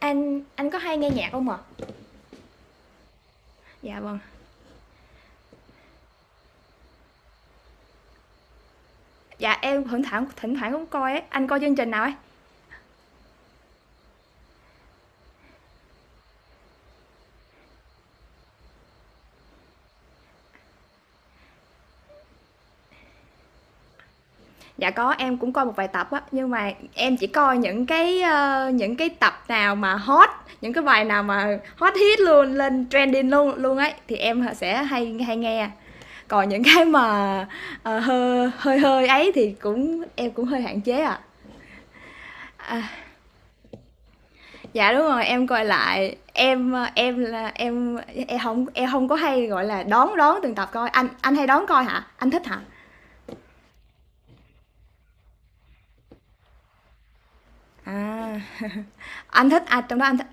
Anh có hay nghe nhạc không ạ? À? Dạ vâng. Dạ em thỉnh thoảng cũng coi ấy. Anh coi chương trình nào ấy? Dạ có, em cũng coi một vài tập á, nhưng mà em chỉ coi những cái tập nào mà hot, những cái bài nào mà hot hit luôn, lên trending luôn luôn ấy thì em sẽ hay hay nghe. Còn những cái mà, hơi hơi hơi ấy thì em cũng hơi hạn chế ạ. À. À. Dạ đúng rồi, em coi lại. Em, ờ, em là em Em không có hay, gọi là, đón đón từng tập coi. Anh hay đón coi hả? Anh thích hả? À, anh thích ai trong đó, anh thích.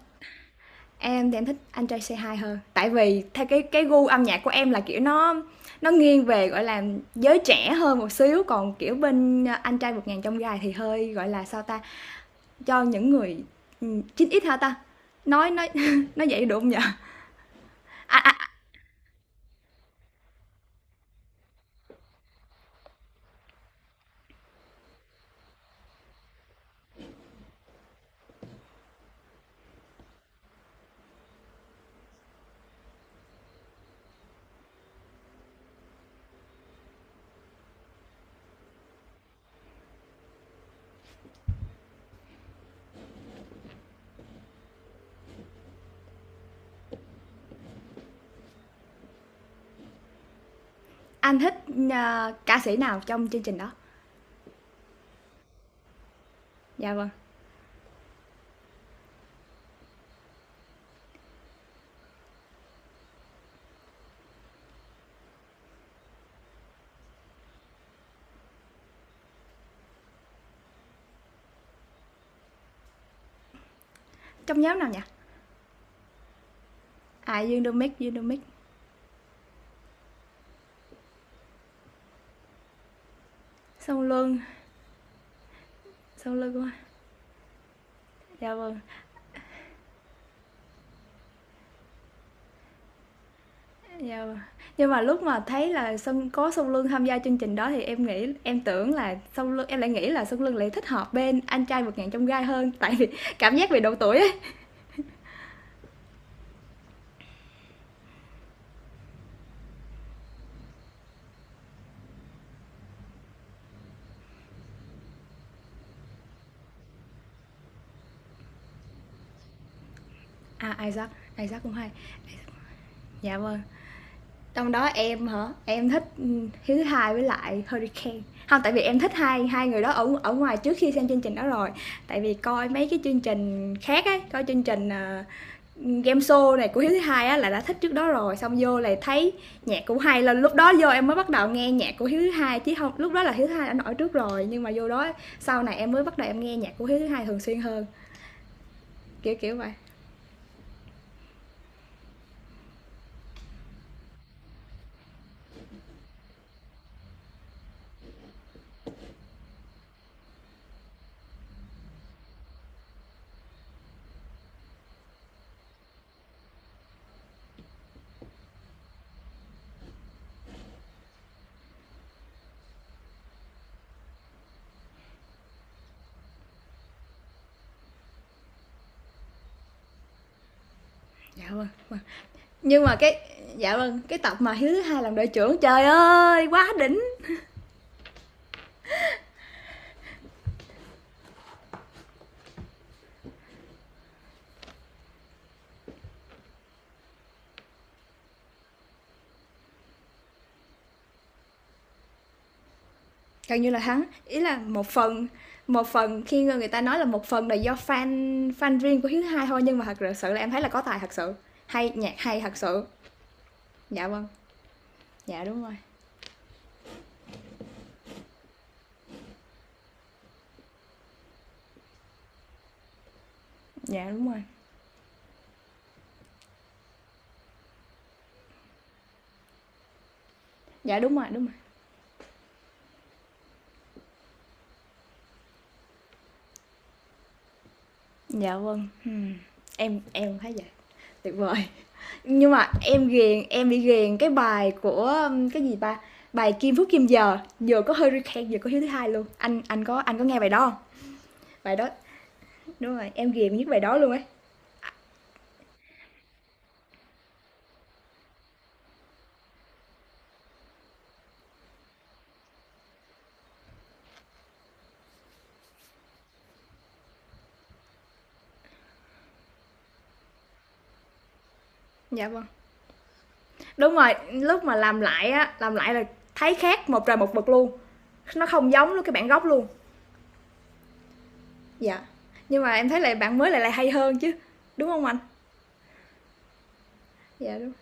Em thì em thích Anh Trai Say Hi hơn. Tại vì theo cái gu âm nhạc của em là, kiểu, nó nghiêng về, gọi là, giới trẻ hơn một xíu, còn, kiểu, bên Anh Trai Vượt Ngàn Chông Gai thì hơi, gọi là, sao ta, cho những người, chín 9X hả ta? Nói nói vậy được hông nhỉ? A, a, anh thích, ơ, ca sĩ nào trong chương trình đó? Dạ vâng. Trong nhóm nào nhỉ? À, Dương Đô Mic, Dương Đô Mic. Sông Luân, Sông Luân đúng. Dạ vâng, dạ vâng. Nhưng mà lúc mà thấy là có Sông Luân tham gia chương trình đó thì em nghĩ em tưởng là Sông Luân, em lại nghĩ là Sông Luân lại thích hợp bên anh trai vượt ngàn trong gai hơn, tại vì cảm giác về độ tuổi ấy. À, Isaac, Isaac cũng hay. Dạ vâng. Trong đó em hả? Em thích ừ, Hiếu thứ hai với lại Hurricane. Không tại vì em thích hai hai người đó ở ở ngoài trước khi xem chương trình đó rồi. Tại vì coi mấy cái chương trình khác ấy, coi chương trình game show này của hiếu thứ hai á là đã thích trước đó rồi, xong vô lại thấy nhạc cũng hay, là lúc đó vô em mới bắt đầu nghe nhạc của hiếu thứ hai, chứ không lúc đó là hiếu thứ hai đã nổi trước rồi, nhưng mà vô đó sau này em mới bắt đầu em nghe nhạc của hiếu thứ hai thường xuyên hơn, kiểu kiểu vậy. Dạ vâng. Nhưng mà cái, dạ vâng, cái tập mà hiếu thứ hai làm đội trưởng trời ơi quá đỉnh. Gần như là thắng ý là một phần. Một phần khi người ta nói là một phần là do fan fan riêng của hiếu thứ hai thôi, nhưng mà thật sự là em thấy là có tài thật sự, hay nhạc hay thật sự. Dạ vâng. Dạ đúng rồi. Dạ, đúng rồi. Dạ, đúng rồi, đúng rồi. Dạ, vâng, em cũng thấy vậy, tuyệt vời. Nhưng mà em ghiền em bị ghiền cái bài của, cái gì ta, bài Kim Phúc Kim Giờ, vừa có Hurricane vừa có Hiếu thứ Hai luôn. Anh có nghe bài đó hông? Bài đó đúng rồi, em ghiền nhất bài đó luôn ấy. Dạ, vâng. Đúng rồi, lúc mà làm lại á, làm lại là thấy khác một trời một vực luôn, nó không giống luôn cái bản gốc luôn. Dạ, nhưng mà em thấy lại bản mới lại lại hay hơn chứ, đúng không anh? Dạ, đúng.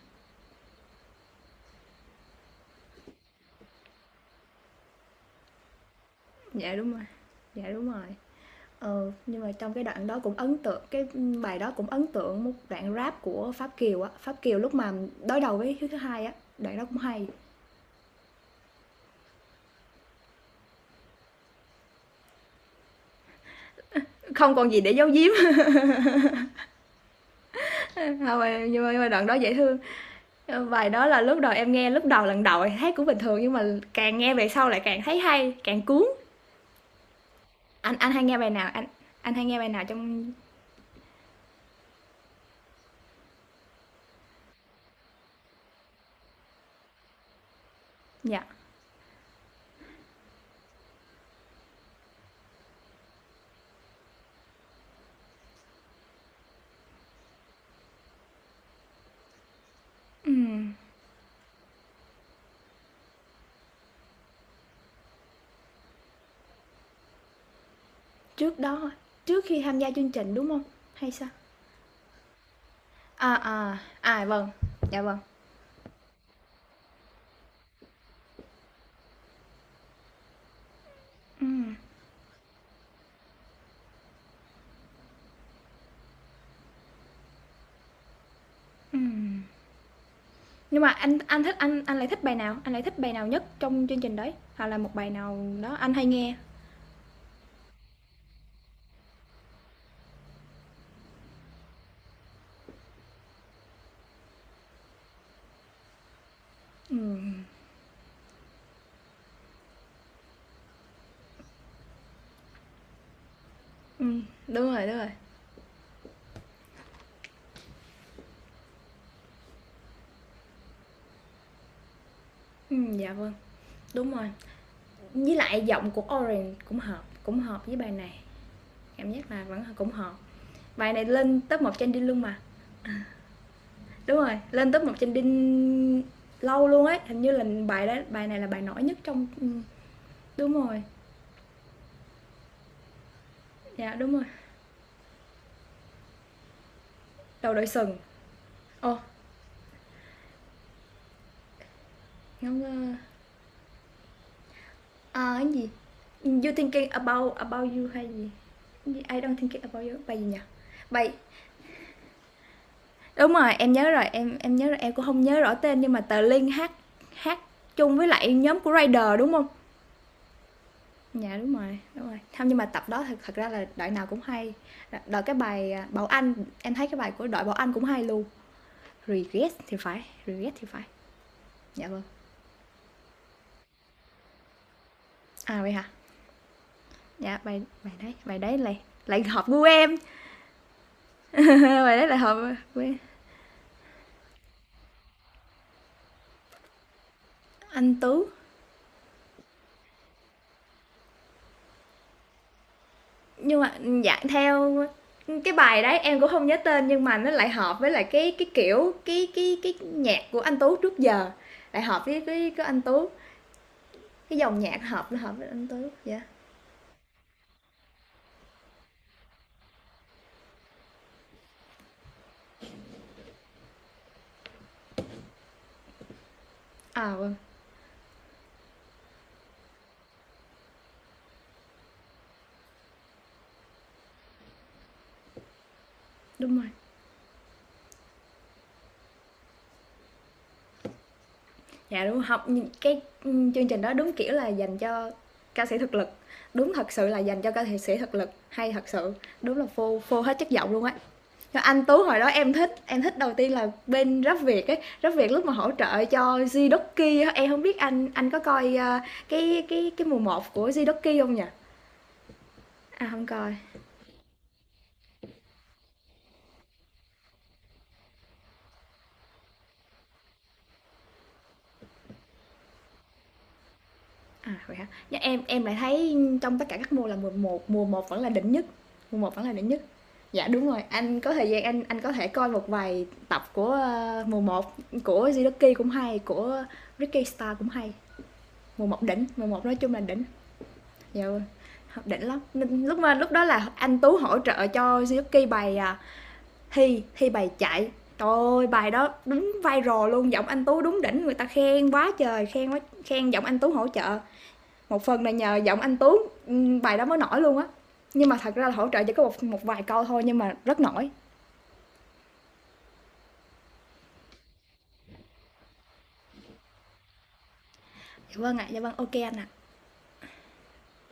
Dạ, đúng rồi. Dạ, đúng rồi. Ờ, nhưng mà trong cái đoạn đó cũng ấn tượng cái, bài đó cũng ấn tượng một đoạn rap của Pháp Kiều á. Pháp Kiều lúc mà đối đầu với Hiếu thứ hai á, đoạn đó cũng hay. Không còn gì để giấu giếm, hông à, nhưng mà đoạn đó dễ thương. Bài đó là lúc đầu lần đầu hát cũng bình thường, nhưng mà càng nghe về sau lại càng thấy hay, càng cuốn. Anh hay nghe bài nào? Anh hay nghe bài nào trong. Dạ. Ừm, trước đó trước khi tham gia chương trình, đúng không? Hay sao? À, à, à, vâng, dạ vâng. Ừm, ừm. Nhưng mà anh thích anh lại thích bài nào? Anh lại thích bài nào nhất trong chương trình đấy? Hoặc là một bài nào đó anh hay nghe? Ừm, ừm, đúng rồi, đúng rồi. Dạ vâng, đúng rồi. Với lại giọng của Orange cũng hợp với bài này. Cảm giác là vẫn cũng hợp. Bài này lên top 1 trending luôn mà. Đúng rồi, lên top 1 trending lâu luôn ấy, hình như là bài đó, bài này là bài nổi nhất trong. Đúng rồi. Dạ đúng rồi. Đầu đội sừng. Ồ, ngắm ờ, À, cái gì? You thinking about you hay gì? Cái gì? I don't thinking about you. Bài gì nhỉ? Bài Đúng rồi, em nhớ rồi, em nhớ rồi, em cũng không nhớ rõ tên, nhưng mà tờ Linh hát hát chung với lại nhóm của Rider đúng không? Dạ đúng rồi, đúng rồi. Không, nhưng mà tập đó thật thật ra là đội nào cũng hay. Đội cái bài à, Bảo Anh, em thấy cái bài của đội Bảo Anh cũng hay luôn. Regret thì phải, regret thì phải. Dạ vâng. À vậy hả? Dạ bài bài đấy lại lại hợp gu em. bài đấy lại hợp gu em. Anh Tú. Nhưng mà, dạ, theo cái bài đấy em cũng không nhớ tên, nhưng mà nó lại hợp với lại cái kiểu, cái nhạc của anh Tú trước giờ, lại hợp với cái anh Tú, cái dòng nhạc hợp nó hợp với anh Tú, dạ. À vâng, đúng rồi, dạ, đúng học cái, chương trình đó đúng kiểu là dành cho ca sĩ thực lực, đúng thật sự là dành cho ca sĩ thực lực, hay thật sự, đúng là phô phô hết chất giọng luôn á. Anh Tú hồi đó em thích đầu tiên là bên Rap Việt ấy, Rap Việt lúc mà hỗ trợ cho Zidoki, em không biết anh có coi, cái mùa một của Zidoki không nhỉ? À, không coi, à, vậy hả? Nhưng em lại thấy trong tất cả các mùa là mùa một, mùa một vẫn là đỉnh nhất, mùa một vẫn là đỉnh nhất. Dạ, đúng rồi, anh có thời gian anh có thể coi một vài tập của, ơ, mùa một của Zidoki cũng hay, của Ricky star cũng hay, mùa một đỉnh, mùa một nói chung là đỉnh. Dạ vâng, học đỉnh lắm. Lúc đó là anh Tú hỗ trợ cho Suzuki bài, à, thi bài chạy. Trời ơi, bài đó đúng viral luôn, giọng anh Tú đúng đỉnh, người ta khen quá trời, khen quá, khen giọng anh Tú hỗ trợ. Một phần là nhờ giọng anh Tú, ừ, bài đó mới nổi luôn á. Nhưng mà thật ra là hỗ trợ chỉ có một một vài câu thôi, nhưng mà rất nổi. Dạ vâng ạ, dạ vâng, ok anh ạ.